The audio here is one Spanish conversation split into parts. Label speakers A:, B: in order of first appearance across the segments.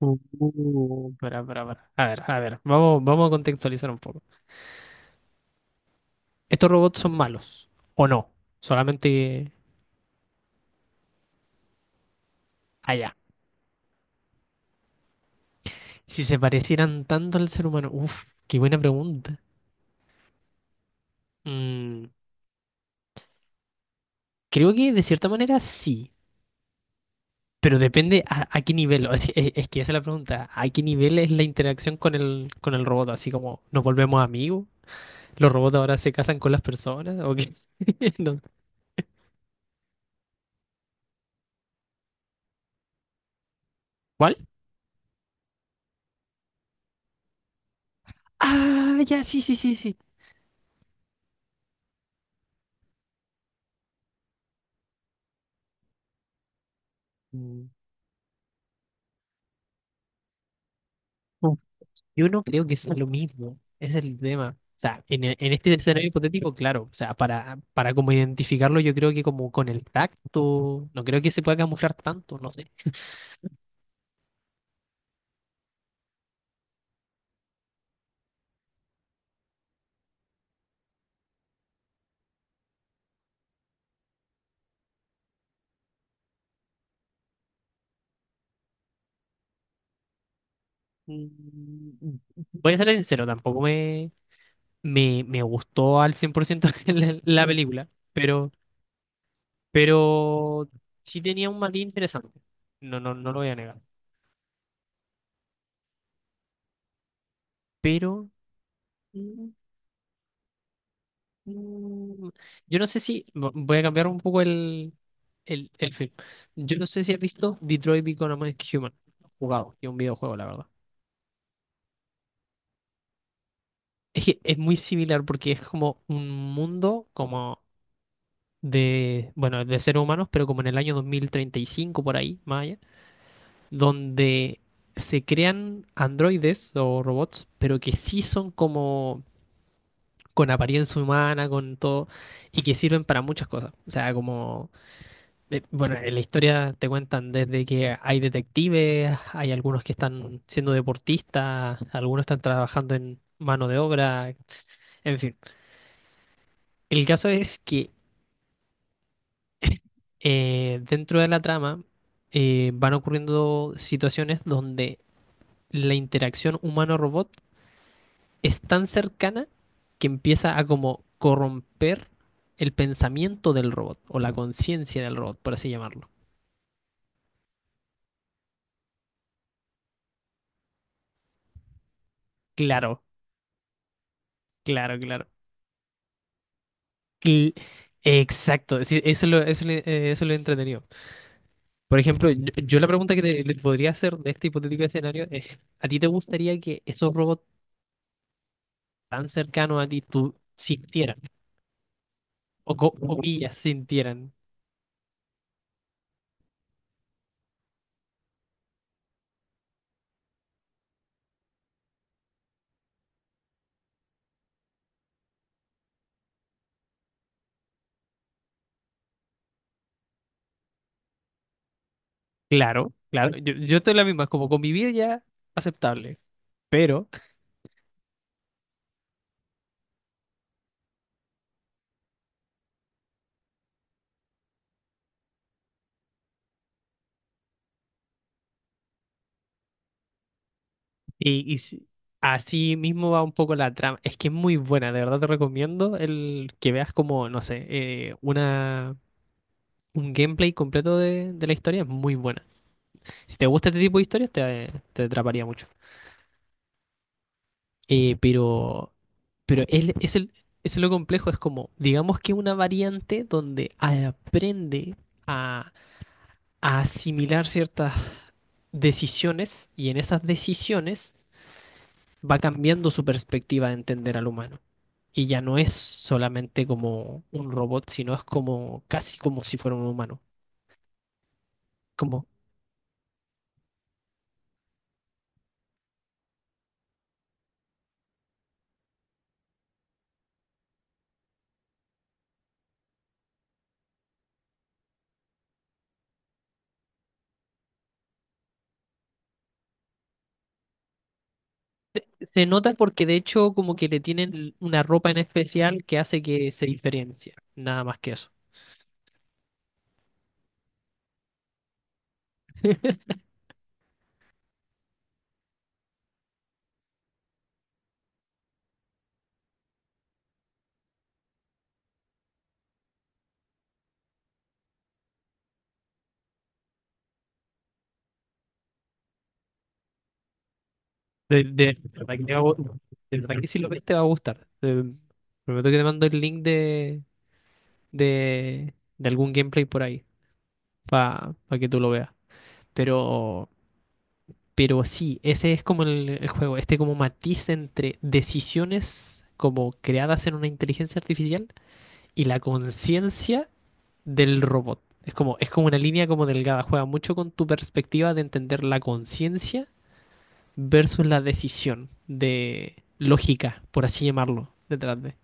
A: Pará, pará, pará. A ver, vamos a contextualizar un poco. ¿Estos robots son malos o no? Solamente allá. Si se parecieran tanto al ser humano. Uf, qué buena pregunta. Mm, creo que de cierta manera sí, pero depende a qué nivel. O sea, es que esa es la pregunta. ¿A qué nivel es la interacción con el robot? Así como nos volvemos amigos. ¿Los robots ahora se casan con las personas? ¿O qué? No. ¿Cuál? Ah, ya, sí, sí, sí, sí. Mm. Yo no creo que sea lo mismo, ese es el tema. O sea, en este escenario hipotético, claro, o sea, para como identificarlo, yo creo que como con el tacto, no creo que se pueda camuflar tanto, no sé. Mm, Voy a ser sincero, tampoco me, me, me gustó al 100% la película, pero sí tenía un matiz interesante, no lo voy a negar. Pero Mm, yo no sé si voy a cambiar un poco el film. Yo no sé si has visto Detroit Become Human. Jugado, que es un videojuego, la verdad. Es que es muy similar porque es como un mundo como de. Bueno, de seres humanos, pero como en el año 2035 por ahí, más allá, donde se crean androides o robots, pero que sí son como con apariencia humana, con todo, y que sirven para muchas cosas. O sea, como. Bueno, en la historia te cuentan desde que hay detectives, hay algunos que están siendo deportistas, algunos están trabajando en mano de obra, en fin. El caso es que dentro de la trama van ocurriendo situaciones donde la interacción humano-robot es tan cercana que empieza a como corromper el pensamiento del robot o la conciencia del robot, por así llamarlo. Claro, claro, claro. Cl- Exacto, sí, eso lo he entretenido. Por ejemplo, yo la pregunta que le podría hacer de este hipotético escenario es, ¿a ti te gustaría que esos robots tan cercanos a ti tú sintieran? O comillas, sintieran. Claro, claro, yo estoy en la misma, como convivir ya aceptable, pero y, y si- así mismo va un poco la trama. Es que es muy buena, de verdad te recomiendo el que veas como, no sé, un gameplay completo de la historia, es muy buena. Si te gusta este tipo de historias, te atraparía mucho. Eh, pero, pero es lo complejo, es como, digamos que una variante donde aprende a, a asimilar ciertas decisiones y en esas decisiones va cambiando su perspectiva de entender al humano. Y ya no es solamente como un robot, sino es como casi como si fuera un humano. Como se nota porque de hecho como que le tienen una ropa en especial que hace que se diferencie. Nada más que eso. De verdad que, te va a gu- de verdad que si lo ves te va a gustar. Prometo que te mando el link de algún gameplay por ahí para que tú lo veas. Pero, pero sí, ese es como el juego, este como matiz entre decisiones como creadas en una inteligencia artificial y la conciencia del robot. Es como una línea como delgada, juega mucho con tu perspectiva de entender la conciencia versus la decisión de lógica, por así llamarlo, detrás de.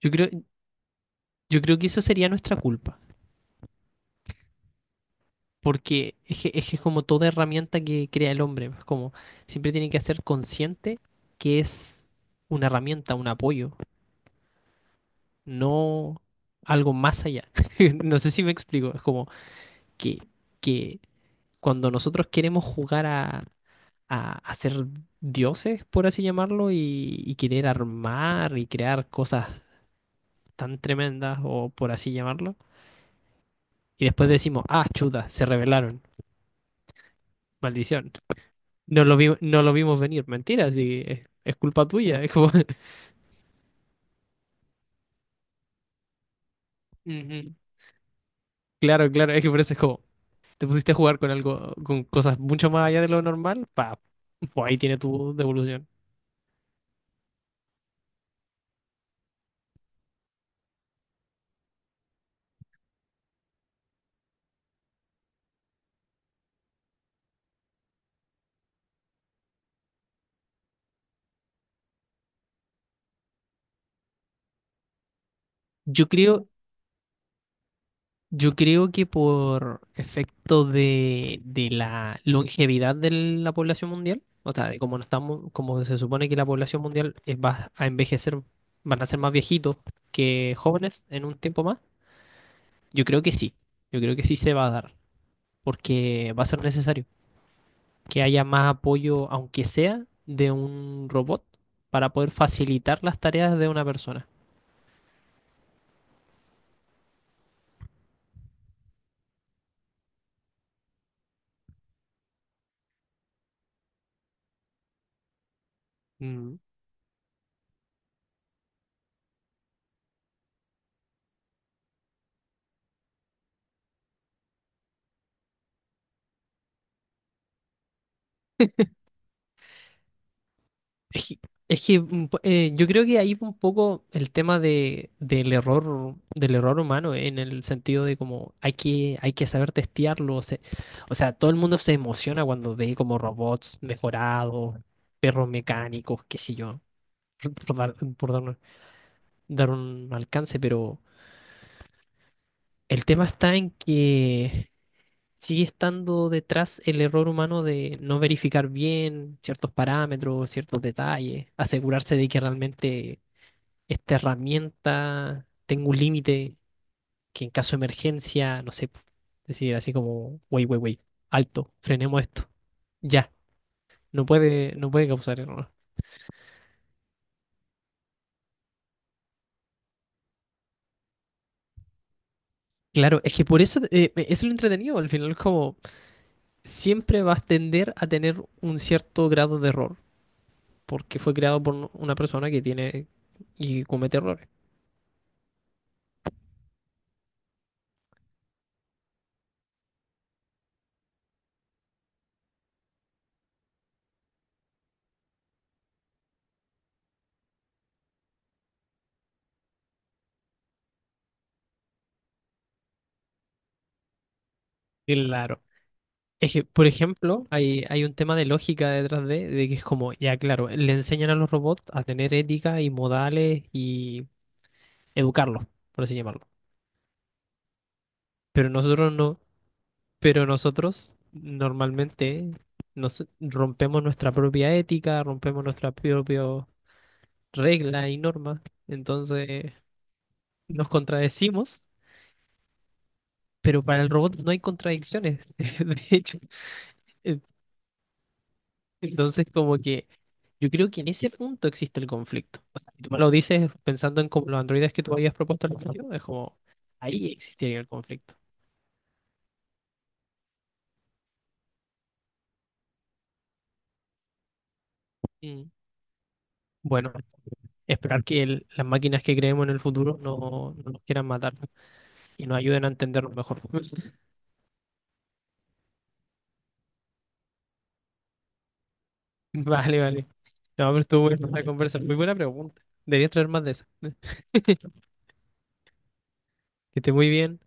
A: Yo creo, yo creo que eso sería nuestra culpa, porque es que es como toda herramienta que crea el hombre, es como siempre tiene que ser consciente que es una herramienta, un apoyo, no algo más allá. No sé si me explico, es como que, que cuando nosotros queremos jugar a ser dioses, por así llamarlo, y querer armar y crear cosas tan tremendas, o por así llamarlo, y después decimos, ah, chuta, se rebelaron, maldición. No lo vimos venir, mentira, sí, es culpa tuya. Es como, Ujú. Claro, claro, es que por eso es como, te pusiste a jugar con algo, con cosas mucho más allá de lo normal, pa, pues ahí tiene tu devolución. Yo creo, Yo creo que por efecto de la longevidad de la población mundial, o sea, de como no estamos, como se supone que la población mundial va a envejecer, van a ser más viejitos que jóvenes en un tiempo más, yo creo que sí, yo creo que sí se va a dar, porque va a ser necesario que haya más apoyo, aunque sea de un robot, para poder facilitar las tareas de una persona. Mm. Es que, es que, mm, po- yo creo que ahí un poco el tema del error humano, en el sentido de como hay que saber testearlo. O sea, todo el mundo se emociona cuando ve como robots mejorados, perros mecánicos, qué sé yo, por dar un alcance, pero el tema está en que sigue estando detrás el error humano de no verificar bien ciertos parámetros, ciertos detalles, asegurarse de que realmente esta herramienta, tengo un límite que en caso de emergencia, no sé, decir así como, wey, wey, wey, alto, frenemos esto, ya, no puede causar error. Claro, es que por eso es lo entretenido, al final es como siempre vas a tender a tener un cierto grado de error, porque fue creado por una persona que tiene y comete errores. Claro. Es que, por ejemplo, hay un tema de lógica detrás de que es como, ya claro, le enseñan a los robots a tener ética y modales y educarlos, por así llamarlo. Pero nosotros no, pero nosotros normalmente nos rompemos nuestra propia ética, rompemos nuestra propia regla y normas, entonces nos contradecimos, pero para el robot no hay contradicciones. De hecho, entonces, como que yo creo que en ese punto existe el conflicto. O sea, si tú me lo dices pensando en como los androides que tú habías propuesto al principio, es como ahí existiría el conflicto. Mm. Bueno, esperar que las máquinas que creemos en el futuro no nos quieran matar y nos ayuden a entendernos mejor. Vale, vale. No, pero estuvo buena la conversa. Muy buena pregunta. Deberías traer más de esas. Que esté muy bien.